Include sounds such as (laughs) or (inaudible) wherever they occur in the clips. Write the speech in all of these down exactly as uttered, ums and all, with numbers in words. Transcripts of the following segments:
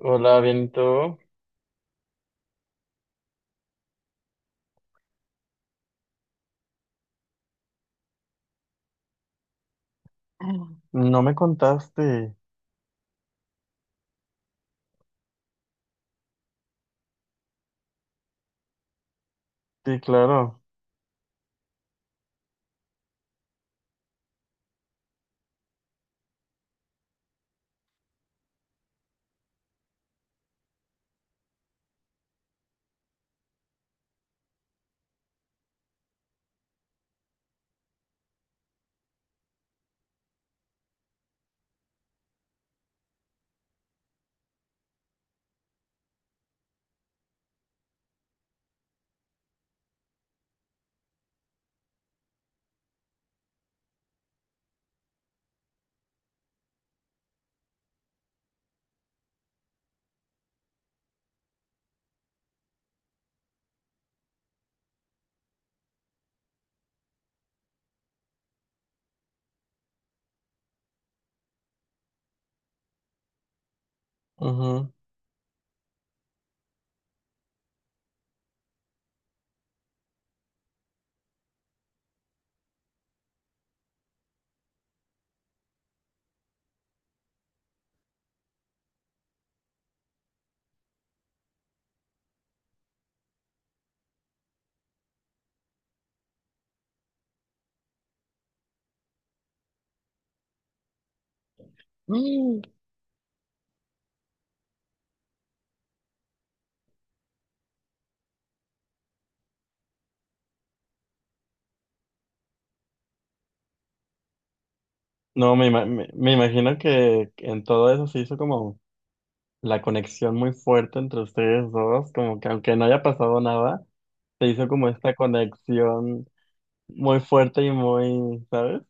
Hola, bien, ¿y tú? No me contaste. Sí, claro. Ujú. Mm. No, me, ima- me, me imagino que en todo eso se hizo como la conexión muy fuerte entre ustedes dos, como que aunque no haya pasado nada, se hizo como esta conexión muy fuerte y muy, ¿sabes?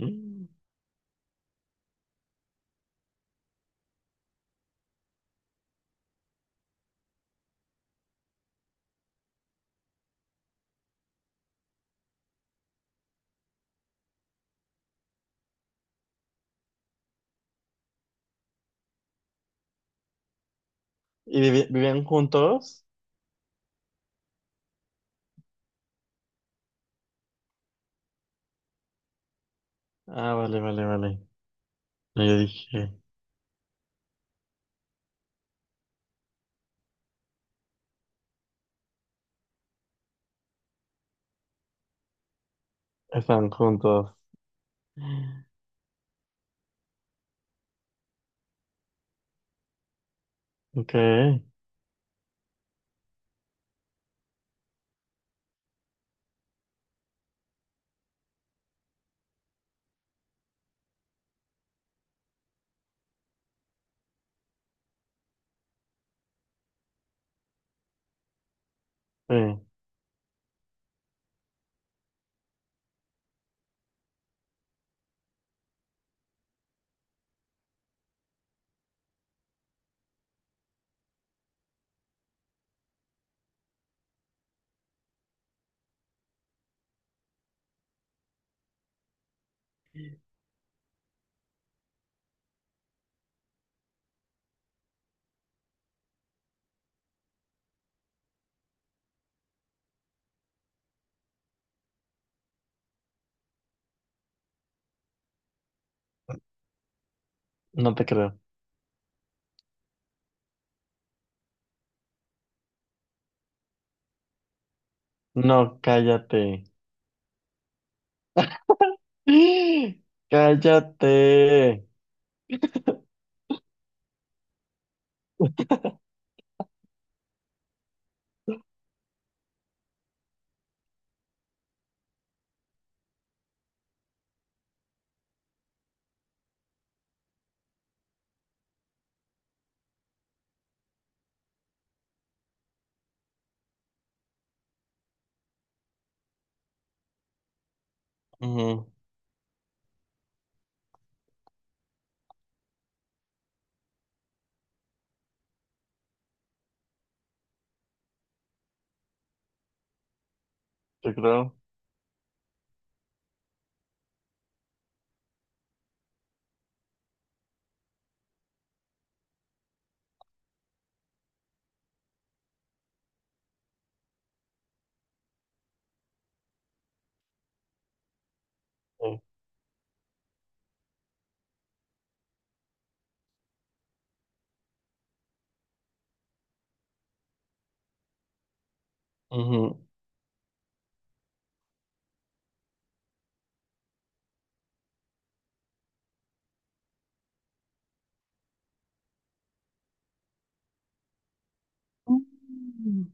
Mm. ¿Y vivi- Vivían juntos? Ah, vale, vale, vale. Y yo dije, están juntos. Ok, sí, no te creo. No, cállate. ¡Ah! Cállate. Ujú, yo creo. Sí. Ujú. Mm.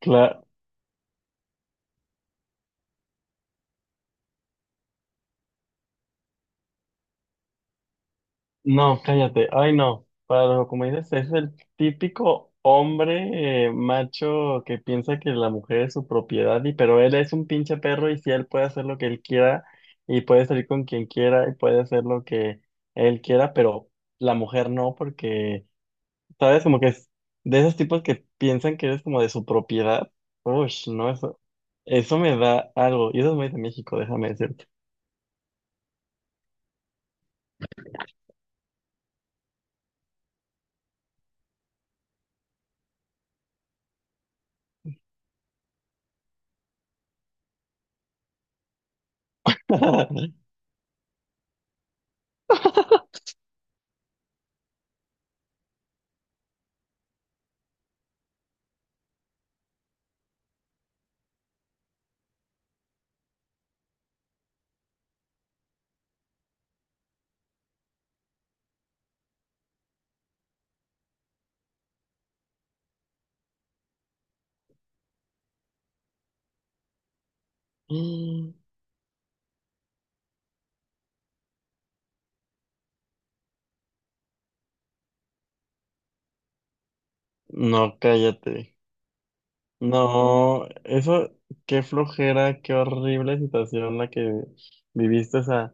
Cla- No, cállate. Ay, no. Para los Ocomedes es el típico hombre eh, macho que piensa que la mujer es su propiedad, y pero él es un pinche perro y si él puede hacer lo que él quiera y puede salir con quien quiera y puede hacer lo que él quiera, pero la mujer no, porque ¿sabes? Como que es de esos tipos que piensan que eres como de su propiedad. Uy, no, eso, eso me da algo. Y eso es muy de México, déjame decirte. (laughs) No, cállate. No, eso, qué flojera, qué horrible situación la que viviste. Esa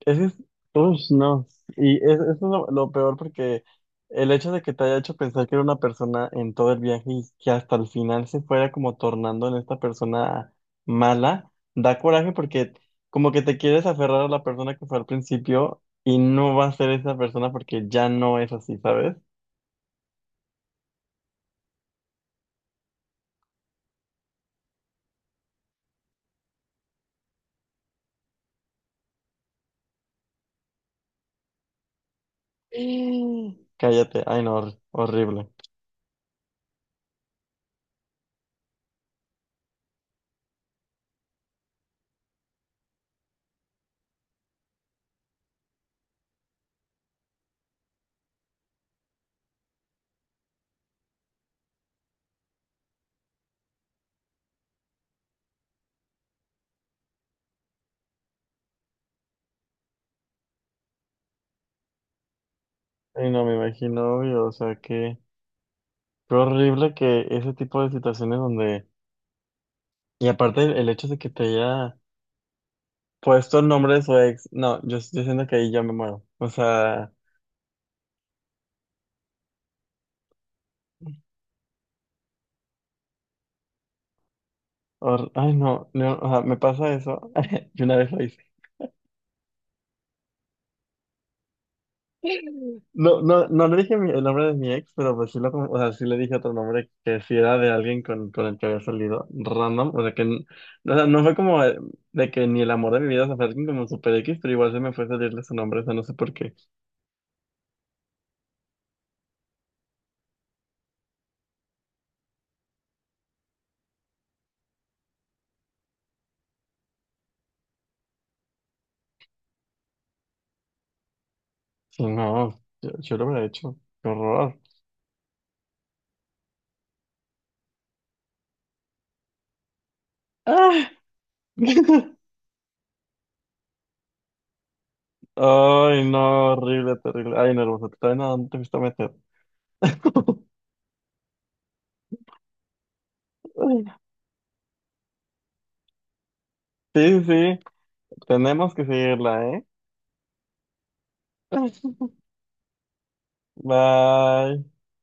ese es, ush, no. Y es- eso es lo, lo peor porque el hecho de que te haya hecho pensar que era una persona en todo el viaje y que hasta el final se fuera como tornando en esta persona mala, da coraje porque como que te quieres aferrar a la persona que fue al principio y no va a ser esa persona porque ya no es así, ¿sabes? Mm. Cállate, ay no, hor- horrible. Ay no, me imagino, obvio, o sea que, qué horrible que ese tipo de situaciones donde, y aparte el el hecho de que te haya. Por estos nombres o ex, no, yo, yo siento que ahí ya me muero. O sea, hor- ay no, no, o sea, me pasa eso. (laughs) Yo una vez lo hice. No, no, no le dije mi- el nombre de mi ex, pero pues sí lo, con- o sea, sí le dije otro nombre que sí era de alguien con, con el que había salido random. O sea que n- o sea, no fue como eh, de que ni el amor de mi vida, o sea, fue alguien como super X, pero igual se me fue a salirle su nombre, o sea, no sé por qué. Sí, no, yo, yo lo hubiera hecho. Qué horror. ¡Ah! (laughs) Ay, no, horrible, terrible. Ay, nervioso, te traen a dónde te fuiste a meter. (laughs) Sí, sí, tenemos que seguirla, ¿eh? (laughs) Bye.